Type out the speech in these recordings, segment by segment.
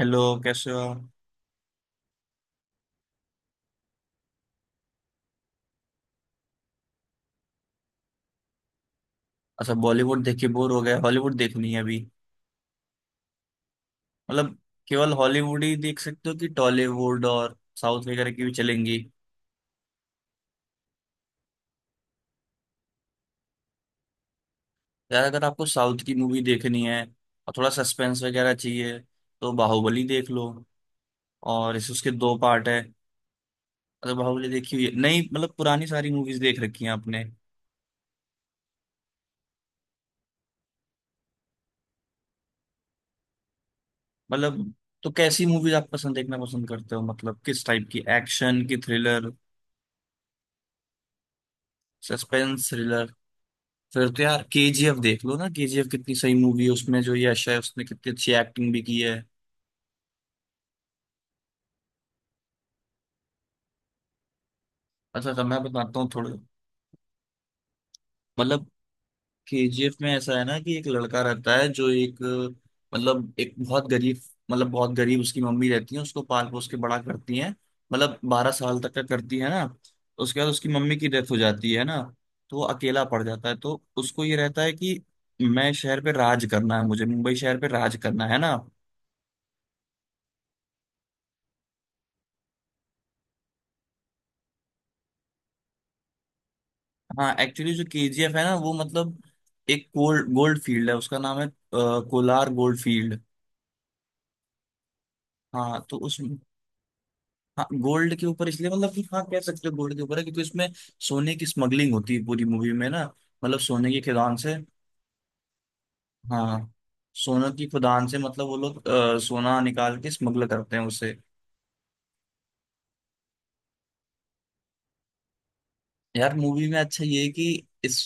Hello, कैसे हो आप? अच्छा, बॉलीवुड देख के बोर हो गया। हॉलीवुड देखनी है अभी। मतलब केवल हॉलीवुड ही देख सकते हो कि टॉलीवुड और साउथ वगैरह की भी चलेंगी? यार, अगर आपको साउथ की मूवी देखनी है और थोड़ा सस्पेंस वगैरह चाहिए तो बाहुबली देख लो। और इस उसके दो पार्ट है। मतलब बाहुबली देखी हुई है? नहीं मतलब पुरानी सारी मूवीज देख रखी हैं आपने? मतलब। तो कैसी मूवीज आप पसंद देखना पसंद करते हो, मतलब किस टाइप की, एक्शन, की थ्रिलर? सस्पेंस। फिर तो यार केजीएफ देख लो ना। केजीएफ कितनी सही मूवी है, उसमें जो यश है उसने कितनी अच्छी एक्टिंग भी की है। अच्छा, तो मैं बताता हूँ थोड़ा। मतलब केजीएफ में ऐसा है ना कि एक लड़का रहता है जो एक, मतलब एक बहुत गरीब। मतलब बहुत गरीब, उसकी मम्मी रहती है, उसको पाल पोस के बड़ा करती है। मतलब 12 साल तक का करती है ना। उसके बाद उसकी मम्मी की डेथ हो जाती है ना। तो वो अकेला पड़ जाता है, तो उसको ये रहता है कि मैं शहर पे राज करना है, मुझे मुंबई शहर पे राज करना है ना। हाँ एक्चुअली जो केजीएफ है ना वो मतलब एक गोल्ड गोल्ड फील्ड है, उसका नाम है कोलार गोल्ड फील्ड। हाँ तो उस, हाँ गोल्ड के ऊपर, इसलिए मतलब कि हाँ कह सकते हो गोल्ड के ऊपर है क्योंकि उसमें सोने की स्मगलिंग होती है पूरी मूवी में ना। मतलब सोने की खदान से। हाँ, सोने की खदान से, मतलब वो लोग सोना निकाल के स्मगल करते हैं उसे। यार मूवी में अच्छा ये है कि, इस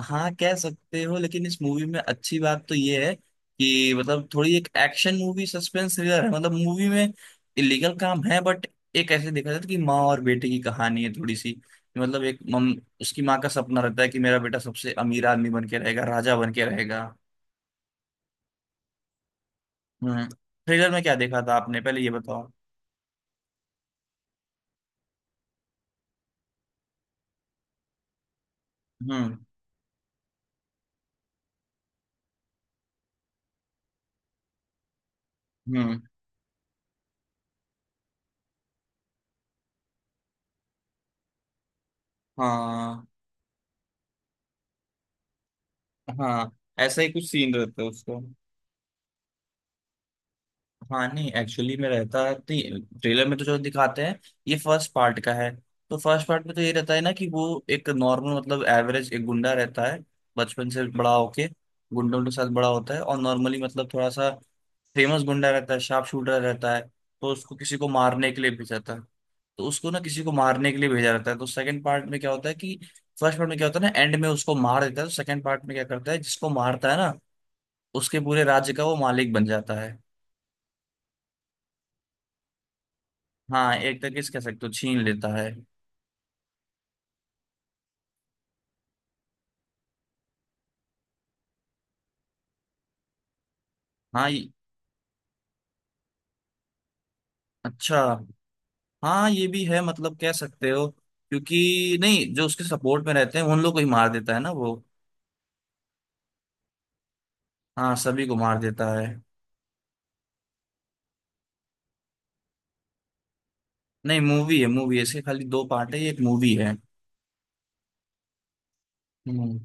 हाँ कह सकते हो, लेकिन इस मूवी में अच्छी बात तो ये है कि मतलब थोड़ी एक एक्शन मूवी, सस्पेंस थ्रिलर है। मतलब मूवी में इलीगल काम है बट एक ऐसे देखा जाता है कि माँ और बेटे की कहानी है थोड़ी सी। मतलब एक मम उसकी माँ का सपना रहता है कि मेरा बेटा सबसे अमीर आदमी बन के रहेगा, राजा बन के रहेगा। हम्म। थ्रिलर में क्या देखा था आपने पहले, ये बताओ। हम्म। हम्म। हाँ। हाँ ऐसा ही कुछ सीन रहता है उसका। हाँ नहीं, एक्चुअली में रहता है, ट्रेलर में तो जो दिखाते हैं ये फर्स्ट पार्ट का है। तो फर्स्ट पार्ट में तो ये रहता है ना कि वो एक नॉर्मल, मतलब एवरेज, एक गुंडा रहता है। बचपन से बड़ा होके गुंडों के साथ बड़ा होता है और नॉर्मली मतलब थोड़ा सा फेमस गुंडा रहता है, शार्प शूटर रहता है। तो उसको किसी को मारने के लिए भेजा जाता है। तो उसको ना किसी को मारने के लिए भेजा जाता है, तो सेकंड पार्ट में क्या होता है कि, फर्स्ट पार्ट में क्या होता है ना, एंड में उसको मार देता है, तो सेकंड पार्ट में क्या करता है जिसको मारता है ना, उसके पूरे राज्य का वो मालिक बन जाता है। हाँ एक तरीके से कह सकते हो छीन लेता है। हाँ ये- अच्छा। हाँ ये भी है, मतलब कह सकते हो, क्योंकि नहीं, जो उसके सपोर्ट में रहते हैं उन लोग को ही मार देता है ना वो। हाँ सभी को मार देता है। नहीं मूवी है, मूवी है, इसके खाली दो पार्ट है, ये एक मूवी है। हम्म।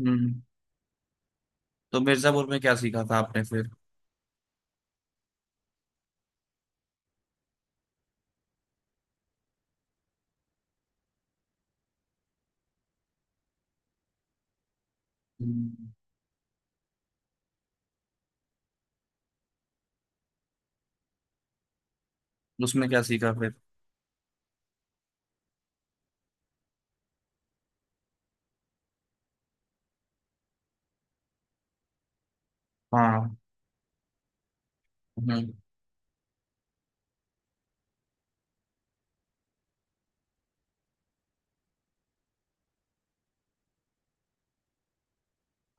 हम्म। तो मिर्जापुर में क्या सीखा था आपने फिर? हम्म। उसमें क्या सीखा फिर? हाँ। हम्म।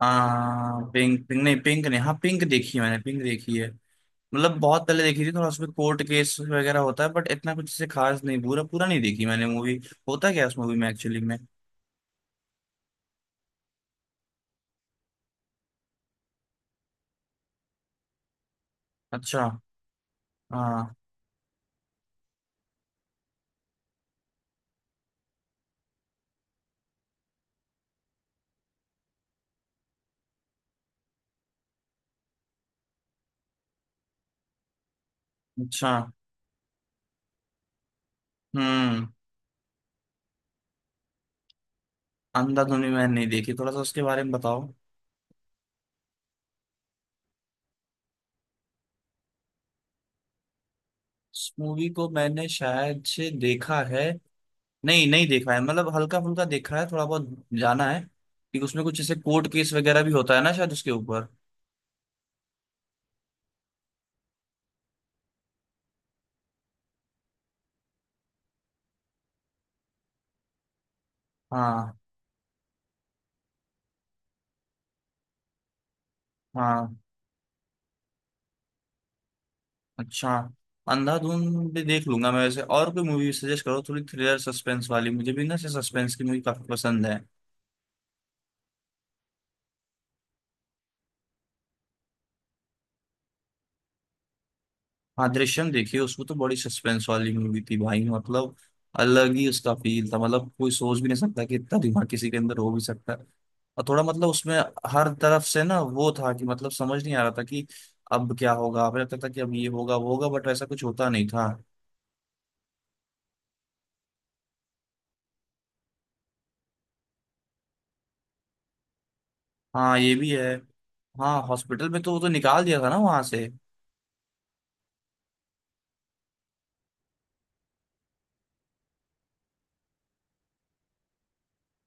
हाँ पिंक, पिंक नहीं, पिंक नहीं, हाँ पिंक देखी है मैंने, पिंक देखी है। मतलब बहुत पहले देखी थी, थोड़ा उसमें कोर्ट केस वगैरह होता है, बट इतना कुछ से खास नहीं, पूरा पूरा नहीं देखी मैंने मूवी। होता क्या है उस मूवी में एक्चुअली में? अच्छा। हाँ। अच्छा। हम्म। अंधाधुन भी मैंने नहीं देखी, थोड़ा सा उसके बारे में बताओ। इस मूवी को मैंने शायद से देखा है, नहीं नहीं देखा है, मतलब हल्का फुल्का देखा है थोड़ा बहुत। जाना है कि उसमें कुछ जैसे कोर्ट केस वगैरह भी होता है ना शायद उसके ऊपर। हाँ। हाँ। अच्छा। अंधाधुन भी देख लूंगा मैं वैसे। और कोई मूवी सजेस्ट करो थोड़ी थ्रिलर सस्पेंस वाली, मुझे भी ना सस्पेंस की मूवी काफी पसंद है। हाँ दृश्यम देखिए, उसको तो बड़ी सस्पेंस वाली मूवी थी भाई, मतलब अलग ही उसका फील था। मतलब कोई सोच भी नहीं सकता कि इतना दिमाग किसी के अंदर हो भी सकता है। और थोड़ा मतलब उसमें हर तरफ से ना वो था कि मतलब समझ नहीं आ रहा था कि अब क्या होगा। हमें लगता था कि अब ये होगा वो होगा, बट वैसा कुछ होता नहीं था। हाँ ये भी है। हाँ हॉस्पिटल में तो वो तो निकाल दिया था ना वहां से।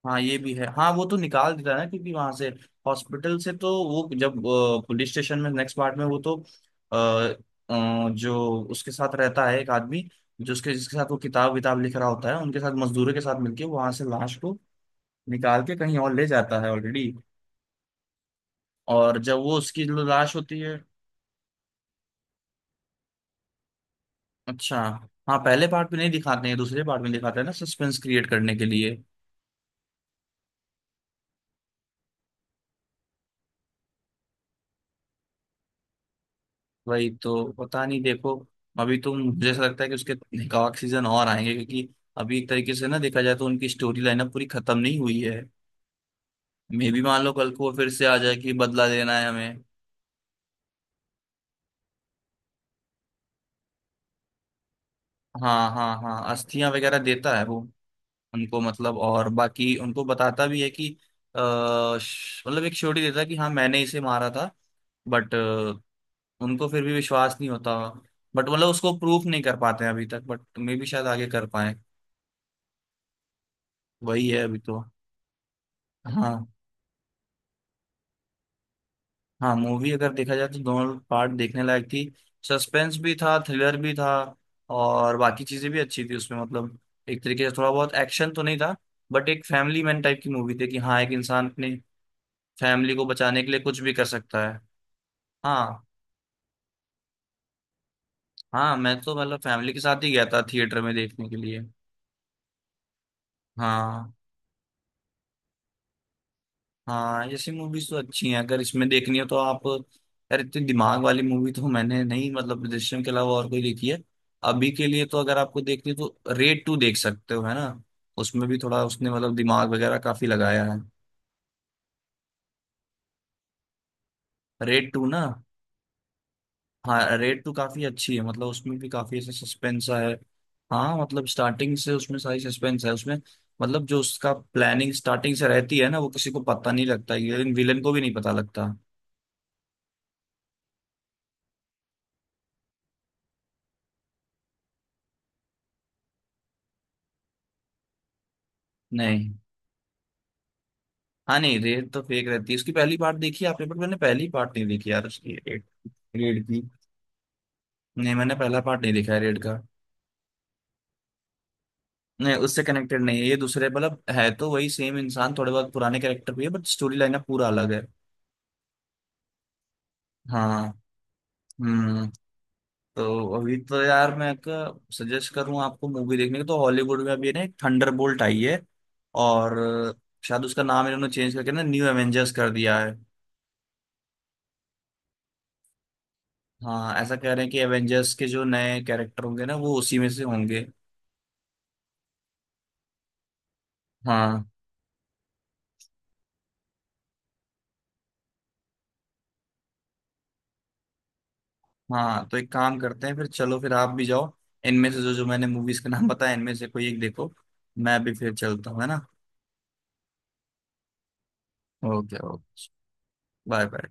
हाँ ये भी है। हाँ वो तो निकाल देता है ना क्योंकि वहां से, हॉस्पिटल से तो वो, जब पुलिस स्टेशन में नेक्स्ट पार्ट में वो तो, अ, जो उसके साथ रहता है एक आदमी, जो उसके जिसके साथ वो किताब विताब लिख रहा होता है, उनके साथ, मजदूरों के साथ मिलके वहां से लाश को निकाल के कहीं और ले जाता है ऑलरेडी। और जब वो उसकी जो लाश होती है, अच्छा, हाँ पहले पार्ट में नहीं दिखाते हैं, दूसरे पार्ट में दिखाते हैं ना, सस्पेंस क्रिएट करने के लिए। वही तो, पता नहीं, देखो, अभी तो मुझे ऐसा लगता है कि उसके कवाक सीजन और आएंगे क्योंकि अभी एक तरीके से ना देखा जाए तो उनकी स्टोरी लाइन अब पूरी खत्म नहीं हुई है। मे भी मान लो कल को वो फिर से आ जाए कि बदला लेना है हमें। हाँ हाँ हाँ, अस्थियां वगैरह देता है वो उनको, मतलब और बाकी उनको बताता भी है कि, मतलब एक श्योरिटी देता है कि हाँ मैंने इसे मारा था, बट उनको फिर भी विश्वास नहीं होता। बट मतलब उसको प्रूफ नहीं कर पाते हैं अभी तक, बट मे भी शायद आगे कर पाए। वही है अभी तो। हाँ। हाँ मूवी अगर देखा जाए तो दोनों पार्ट देखने लायक थी। सस्पेंस भी था, थ्रिलर भी था, और बाकी चीजें भी अच्छी थी उसमें। मतलब एक तरीके से थोड़ा बहुत एक्शन तो नहीं था, बट एक फैमिली मैन टाइप की मूवी थी कि हाँ एक इंसान अपनी फैमिली को बचाने के लिए कुछ भी कर सकता है। हाँ। हाँ मैं तो मतलब फैमिली के साथ ही गया था थिएटर में देखने के लिए। हाँ। हाँ ऐसी मूवीज तो अच्छी हैं। अगर इसमें देखनी हो तो आप, यार इतनी दिमाग वाली मूवी तो मैंने नहीं, मतलब दृश्यम के अलावा और कोई देखी है। अभी के लिए तो, अगर आपको देखनी है तो रेड टू देख सकते हो है ना। उसमें भी थोड़ा उसने मतलब दिमाग वगैरह काफी लगाया है। रेड टू ना। हाँ रेड टू काफी अच्छी है, मतलब उसमें भी काफी ऐसा सस्पेंस है। हाँ मतलब स्टार्टिंग से उसमें सारी सस्पेंस है, उसमें मतलब जो उसका प्लानिंग स्टार्टिंग से रहती है ना वो किसी को पता नहीं लगता, विलन को भी नहीं पता लगता। नहीं। हाँ नहीं, रेड तो फेक रहती है उसकी। पहली पार्ट देखी है आपने? बट मैंने पहली पार्ट नहीं देखी यार उसकी, रेड, रेड की। नहीं मैंने पहला पार्ट नहीं देखा है रेड का। नहीं उससे कनेक्टेड नहीं है ये, दूसरे मतलब है तो वही सेम इंसान, थोड़े बहुत पुराने कैरेक्टर भी है, बट स्टोरी लाइन पूरा अलग है। हाँ। हम्म। तो अभी तो यार मैं सजेस्ट करूँ आपको मूवी देखने का तो हॉलीवुड में अभी ना एक थंडरबोल्ट आई है, और शायद उसका नाम इन्होंने चेंज करके ना न्यू एवेंजर्स कर दिया है। हाँ ऐसा कह रहे हैं कि एवेंजर्स के जो नए कैरेक्टर होंगे ना वो उसी में से होंगे। हाँ। हाँ तो एक काम करते हैं फिर, चलो फिर आप भी जाओ, इनमें से जो जो मैंने मूवीज के नाम बताया इनमें से कोई एक देखो। मैं भी फिर चलता हूँ, है ना। Okay, okay. Bye, bye.